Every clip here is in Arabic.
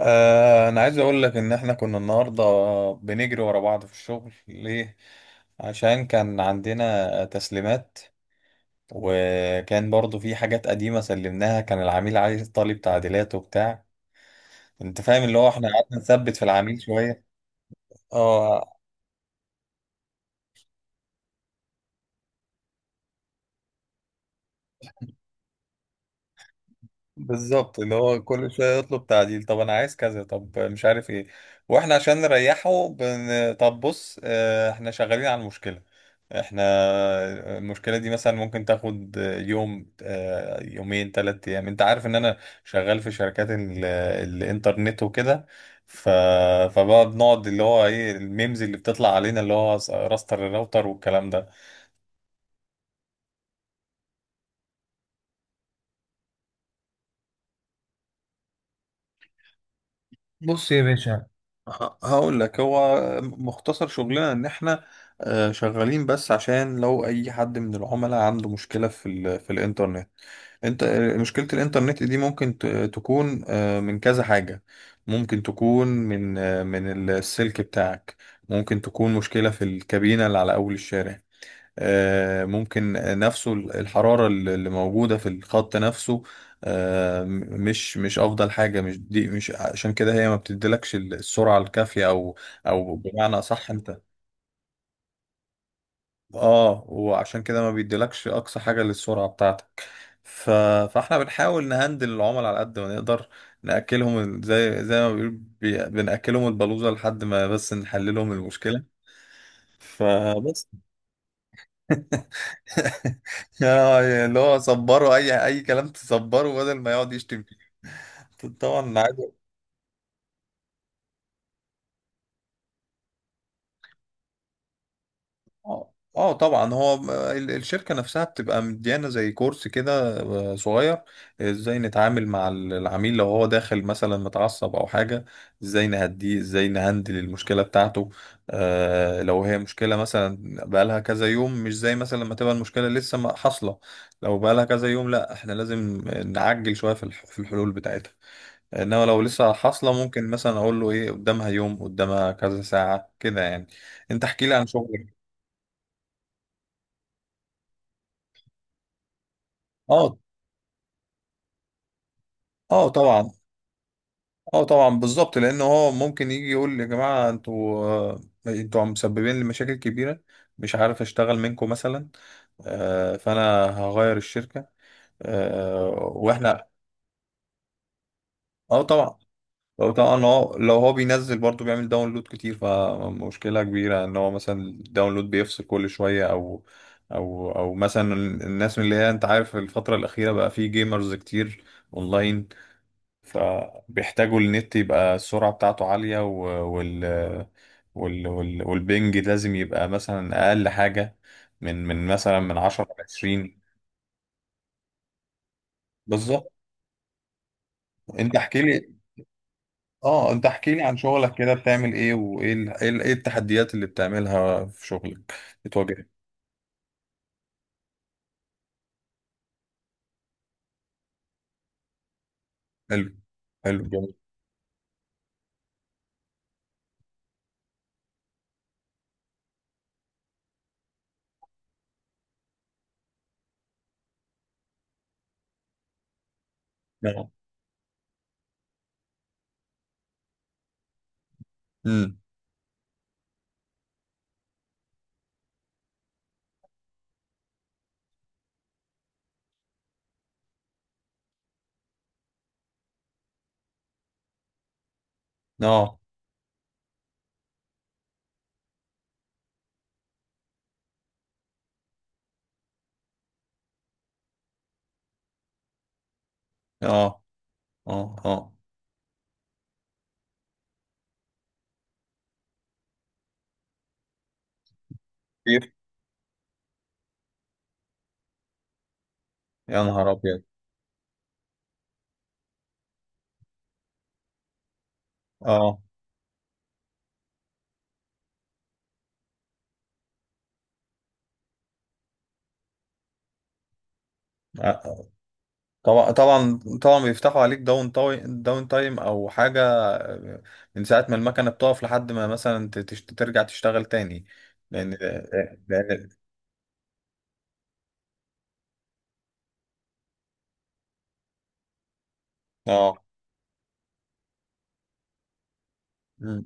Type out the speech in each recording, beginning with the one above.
انا عايز اقول لك ان احنا كنا النهارده بنجري ورا بعض في الشغل ليه عشان كان عندنا تسليمات، وكان برضو في حاجات قديمة سلمناها كان العميل عايز طالب تعديلات وبتاع. انت فاهم اللي هو احنا قعدنا نثبت في العميل شوية. اه بالظبط، اللي هو كل شويه يطلب تعديل، طب انا عايز كذا طب مش عارف ايه. واحنا عشان نريحه طب بص، احنا شغالين على المشكله. احنا المشكله دي مثلا ممكن تاخد يوم، يومين، 3 ايام. انت عارف ان انا شغال في شركات الانترنت وكده. ف... فبقى بنقعد اللي هو ايه الميمز اللي بتطلع علينا، اللي هو راستر الراوتر والكلام ده. بص يا باشا، هقول لك هو مختصر شغلنا ان احنا شغالين بس عشان لو اي حد من العملاء عنده مشكلة في الانترنت. انت، مشكلة الانترنت دي ممكن تكون من كذا حاجة. ممكن تكون من السلك بتاعك. ممكن تكون مشكلة في الكابينة اللي على اول الشارع. ممكن نفسه الحرارة اللي موجودة في الخط نفسه. مش أفضل حاجة، مش دي، مش عشان كده هي ما بتديلكش السرعة الكافية، أو أو بمعنى أصح أنت. وعشان كده ما بيديلكش أقصى حاجة للسرعة بتاعتك. ف... فاحنا بنحاول نهندل العملاء على قد ما نقدر. نأكلهم زي ما بيقول بنأكلهم البلوزة لحد ما، بس نحللهم المشكلة. فبس. اللي هو صبره، اي كلام تصبره بدل ما يقعد يشتم فيه. طبعا عادي. اه، طبعا هو الشركه نفسها بتبقى مديانه زي كورس كده، صغير. ازاي نتعامل مع العميل لو هو داخل مثلا متعصب او حاجه، ازاي نهديه، ازاي نهندل المشكله بتاعته. آه، لو هي مشكله مثلا بقالها كذا يوم مش زي مثلا لما تبقى المشكله لسه حاصله. لو بقالها كذا يوم لا احنا لازم نعجل شويه في الحلول بتاعتها. انما لو لسه حاصله، ممكن مثلا اقول له ايه قدامها يوم، قدامها كذا ساعه كده يعني. انت احكي لي عن شغلك. اه، اه طبعا، اه طبعا بالظبط، لان هو ممكن يجي يقول لي يا جماعه، انتوا عم مسببين لي مشاكل كبيره، مش عارف اشتغل منكم مثلا. فانا هغير الشركه. واحنا اه طبعا. لو طبعا هو لو هو بينزل برضه بيعمل داونلود كتير، فمشكلة كبيرة ان هو مثلا الداونلود بيفصل كل شوية، او مثلا الناس من اللي هي، انت عارف الفترة الأخيرة بقى في جيمرز كتير اونلاين. فبيحتاجوا النت، يبقى السرعة بتاعته عالية، والبنج لازم يبقى مثلا أقل حاجة من مثلا من 10 ل 20. بالظبط. انت احكي لي، اه انت احكي لي عن شغلك كده، بتعمل ايه، وايه ال... ايه ال- إيه التحديات اللي بتعملها في شغلك بتواجهك. حلو حلو جميل. اه، امم اه اه اه اه كتير. يا نهار ابيض. اه آه. طبعا طبعا طبعا بيفتحوا عليك داون تايم داون تايم او حاجه، آه، من ساعه ما المكنه بتقف لحد ما مثلا ترجع تشتغل تاني. لان اه. أمم.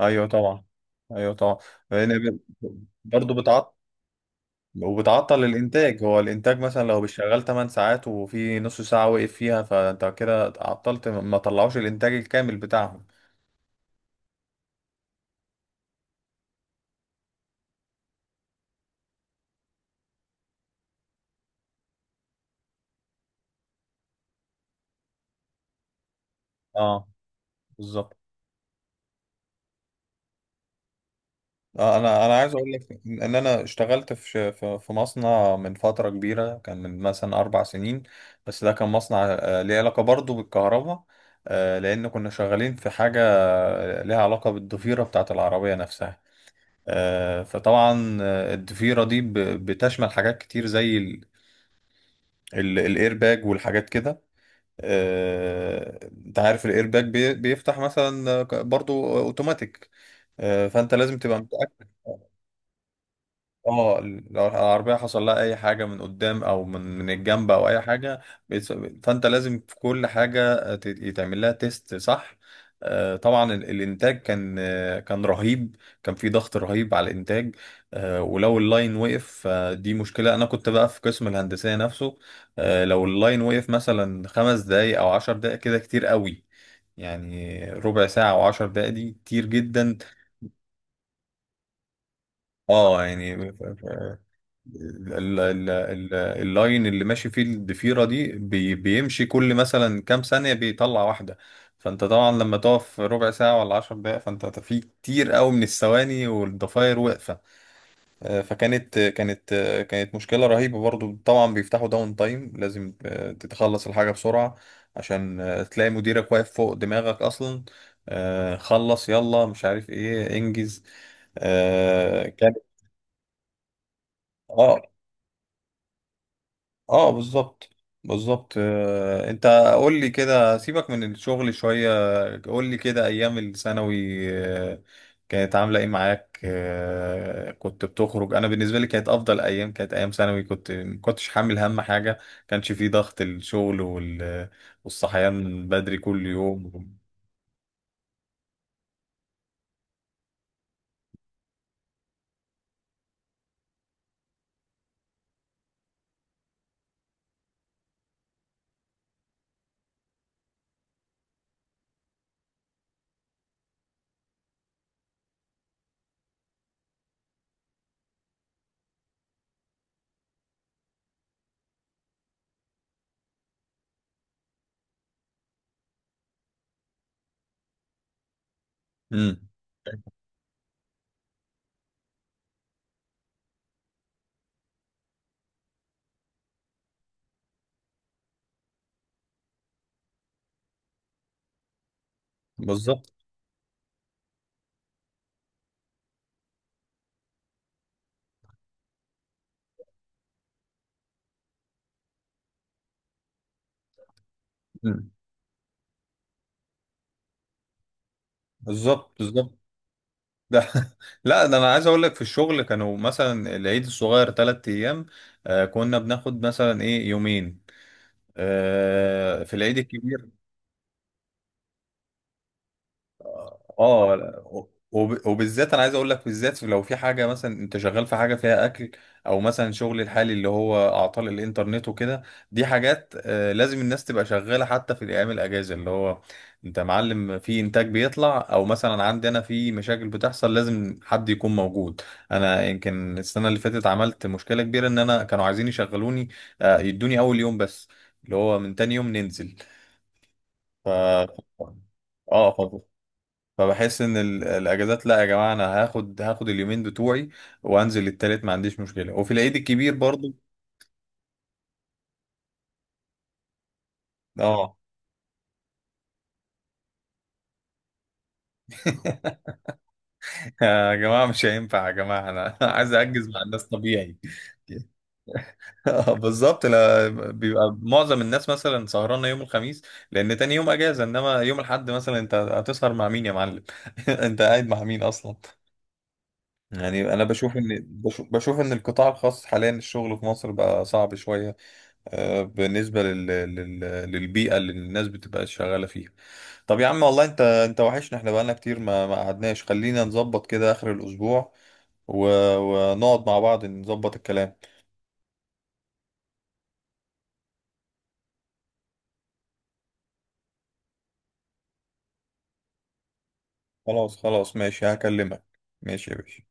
ايوه طبعا، ايوه طبعا، لان برضه. وبتعطل الانتاج، هو الانتاج مثلا لو بيشتغل 8 ساعات وفي نص ساعة وقف فيها، فانت كده عطلت ما طلعوش الانتاج الكامل بتاعهم. اه بالظبط. انا عايز اقول لك ان انا اشتغلت في ش- في في مصنع من فترة كبيرة، كان من مثلا 4 سنين. بس ده كان مصنع، ليه علاقة برضه بالكهرباء. لان كنا شغالين في حاجة ليها علاقة بالضفيرة بتاعة العربية نفسها. فطبعا الضفيرة دي بتشمل حاجات كتير زي الايرباج والحاجات كده. آه، انت عارف الايرباج بيفتح مثلا برضو اوتوماتيك. فانت لازم تبقى متاكد. اه. لو العربية حصل لها أي حاجة من قدام، أو من الجنب، أو أي حاجة. بيس- فأنت لازم في كل حاجة يتعمل لها تيست صح. طبعا الإنتاج كان رهيب. كان في ضغط رهيب على الإنتاج. ولو اللاين وقف فدي مشكلة. أنا كنت بقى في قسم الهندسية نفسه. لو اللاين وقف مثلا 5 دقايق أو 10 دقايق كده كتير قوي. يعني ربع ساعة أو 10 دقايق دي كتير جدا. اه يعني اللاين اللي ماشي فيه الضفيرة دي بيمشي كل مثلا كام ثانية بيطلع واحدة. فانت طبعا لما تقف ربع ساعة ولا 10 دقايق فانت في كتير قوي من الثواني والضفاير واقفة. فكانت كانت مشكلة رهيبة. برضو طبعا بيفتحوا داون تايم، لازم تتخلص الحاجة بسرعة، عشان تلاقي مديرك واقف فوق دماغك اصلا. خلص يلا مش عارف ايه انجز. كانت. اه اه بالظبط بالظبط. انت قول لي كده سيبك من الشغل شوية، قول لي كده ايام الثانوي. آه، كانت عاملة ايه معاك؟ كنت بتخرج؟ انا بالنسبة لي كانت افضل ايام، كانت ايام ثانوي. كنت ما كنتش حامل هم حاجة، كانش فيه ضغط الشغل والصحيان بدري كل يوم. امم بالظبط. مم. بالظبط بالظبط. ده لا ده انا عايز اقول لك في الشغل كانوا مثلا العيد الصغير 3 ايام، آه كنا بناخد مثلا ايه يومين آه في العيد الكبير. اه لا، وبالذات انا عايز اقول لك، بالذات لو في حاجه مثلا انت شغال في حاجه فيها اكل، او مثلا شغل الحالي اللي هو اعطال الانترنت وكده، دي حاجات لازم الناس تبقى شغاله حتى في الايام الاجازه. اللي هو انت معلم في انتاج بيطلع، او مثلا عندنا في مشاكل بتحصل لازم حد يكون موجود. انا يمكن السنه اللي فاتت عملت مشكله كبيره، ان انا كانوا عايزين يشغلوني يدوني اول يوم بس، اللي هو من تاني يوم ننزل. ف اه. فبحس ان الاجازات، لا يا جماعه انا هاخد اليومين بتوعي وانزل التالت، ما عنديش مشكله، وفي العيد الكبير برضو. اه يا جماعه مش هينفع، يا جماعه انا عايز اجز مع الناس طبيعي. بالظبط، لا بيبقى معظم الناس مثلا سهرانه يوم الخميس، لان تاني يوم اجازه. انما يوم الاحد مثلا انت هتسهر مع مين يا معلم؟ انت قاعد مع مين اصلا؟ يعني انا بشوف ان القطاع الخاص حاليا الشغل في مصر بقى صعب شويه. بالنسبة للبيئة اللي الناس بتبقى شغالة فيها. طب يا عم والله، انت وحشنا، احنا بقالنا كتير ما قعدناش، خلينا نظبط كده آخر الأسبوع و... ونقعد مع بعض نظبط الكلام. خلاص خلاص ماشي هكلمك. ماشي يا باشا.